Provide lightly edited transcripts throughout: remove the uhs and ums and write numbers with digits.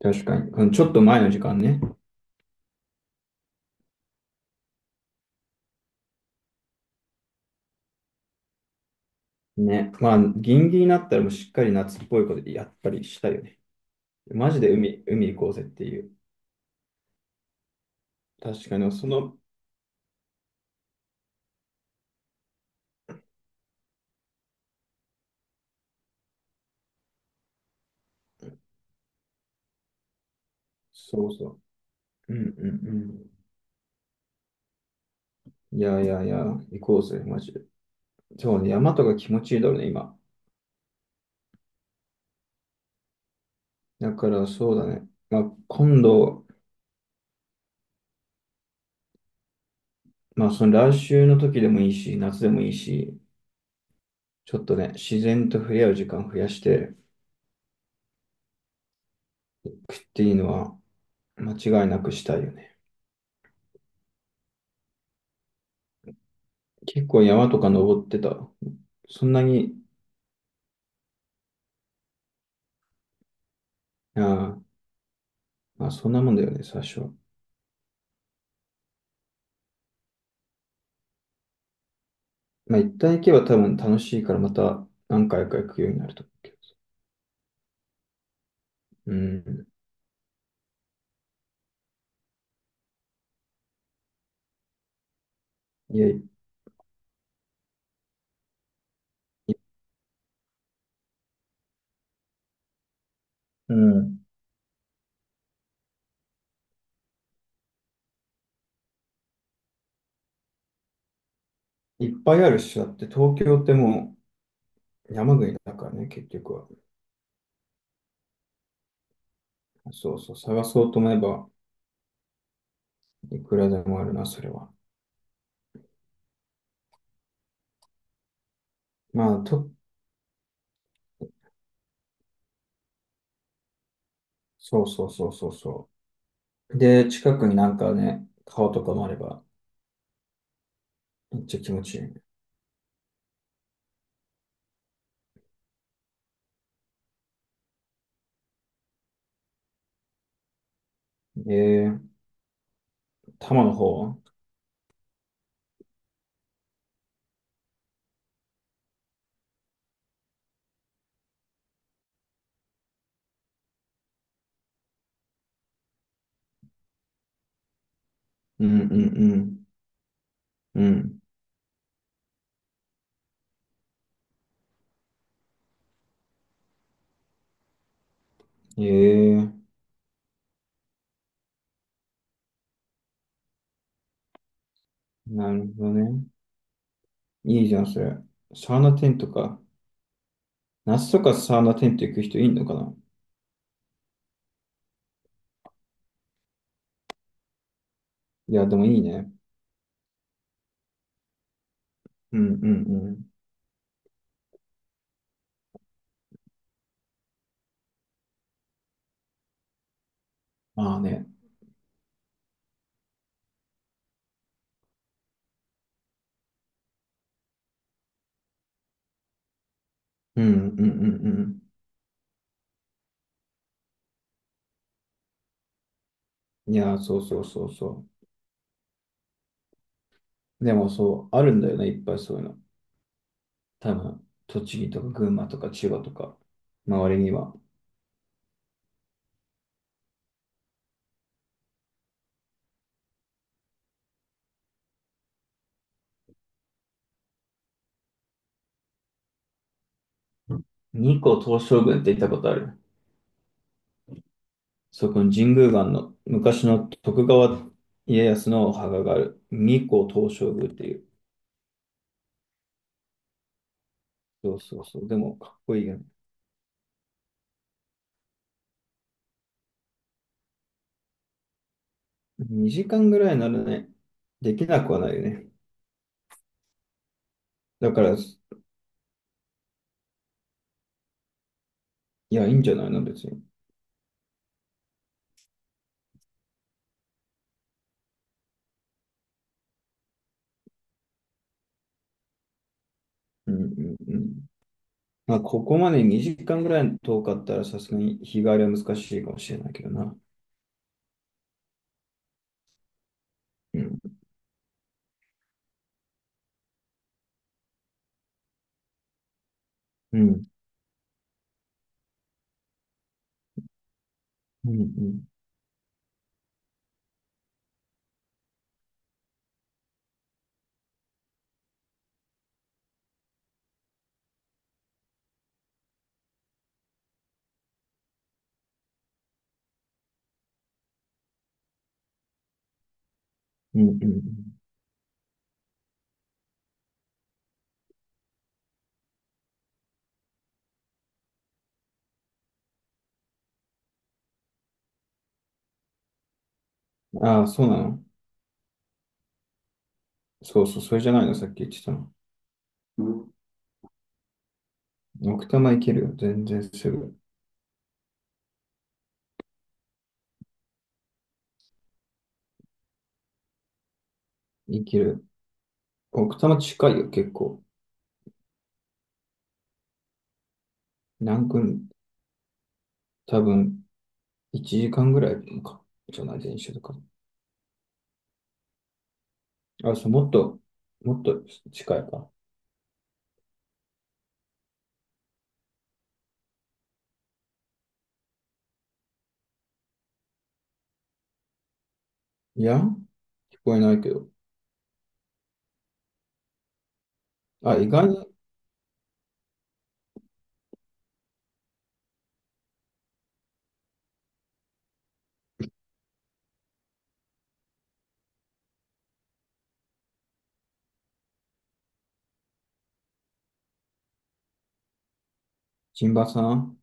確かに。うんちょっと前の時間ね。ね。まあ、ギンギンになったらもうしっかり夏っぽいことやっぱりしたいよね。マジで海行こうぜっていう。確かに、その、そうそう。うんうんうん。いやいやいや、行こうぜ、マジで。そうね、山とか気持ちいいだろうね、今。だからそうだね。まあ、今度、まあ、その来週の時でもいいし、夏でもいいし、ちょっとね、自然と触れ合う時間増やして食っていいのは間違いなくしたいよね。結構山とか登ってた。そんなに、あーまあ、そんなもんだよね、最初は。まあ、一旦行けば多分楽しいから、また何回か行くようになると思うけど。うん。いや、いうん。いっぱいあるし、だって東京ってもう山国だからね、結局は。そうそう、探そうと思えば、いくらでもあるな、それは。まあ、と、そうそうそうそうそう。で、近くになんかね、川とかもあれば、めっちゃ気持ちいいね。えー、多摩の方はうんうんうん。うん。ええなるほどね。いいじゃん、それ。サウナテントか。夏とかサウナテント行く人いんのかな？いや、でもいいね。うんうんうん。まあね。うんうんうんうん。いや、そうそうそうそう。でもそう、あるんだよね、いっぱいそういうの。多分、栃木とか群馬とか千葉とか、周りには。日光東照宮って行ったことある？そこの神宮岩の昔の徳川家康のお墓がある。日光東照宮っていう。そうそうそう。でも、かっこいいよね。2時間ぐらいならね。できなくはないよね。だから、いや、いいんじゃないの、別に。うんうんうん。まあ、ここまで2時間ぐらい遠かったら、さすがに日帰りは難しいかもしれないけどな。うん。うん。うん。うん。うんうんああ、そうなの？そうそう、それじゃないの、さっき言ってたの。うん、奥多摩行けるよ。全然すぐ。行ける。奥多摩近いよ、結構。南君、多分、1時間ぐらいか。じゃない、電車とか。あ、そう、もっと、もっと近いか。いや、聞こえないけど。あ、意外に、チンバさん。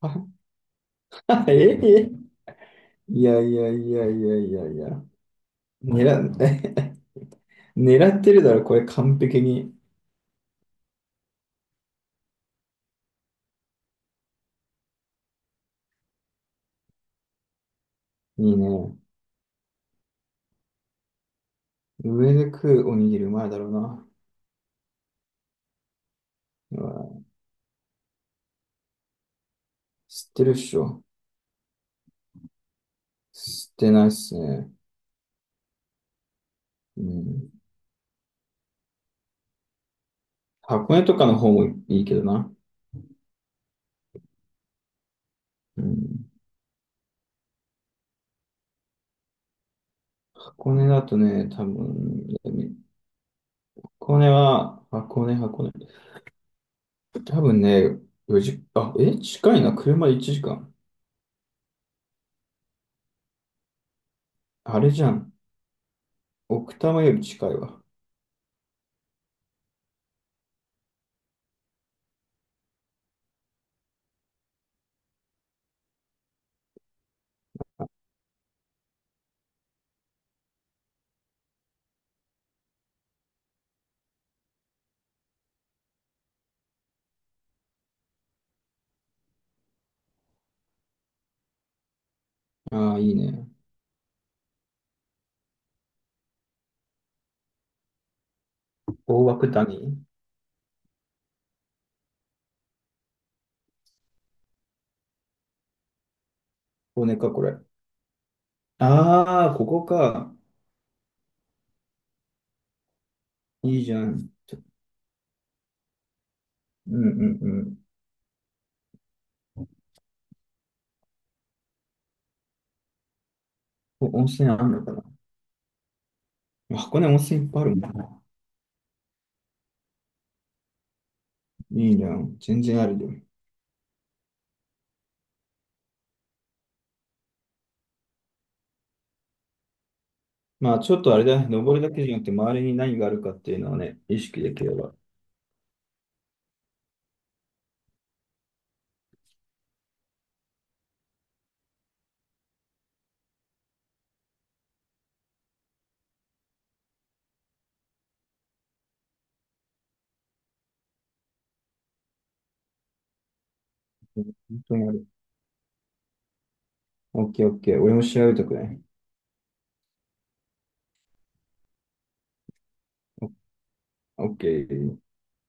あ ええいやいやいやいやいやいや。狙っ、狙ってるだろ、これ完璧に。いいね。上で食うおにぎりうまいだろうな。うわ知ってるっしょ。知ってないっすね。うん。箱根とかの方もいいけどな。うん。箱根だとね、多分、箱根は、箱根。多分ね、4時、あ、え、近いな。車で1時間。あれじゃん。奥多摩より近いわ。ああ、いいね。大涌谷これか、これ。ああ、ここか。いいじゃん。ちょうんうんうん。ここ温泉あるのかな。箱根温泉いっぱいあるもんな。いいじゃん。全然あるよ。まあ、ちょっとあれだね。登るだけじゃなくて、周りに何があるかっていうのをね、意識できれば。本当にある。オッケーオッケー。俺も調べとくね。オッケー。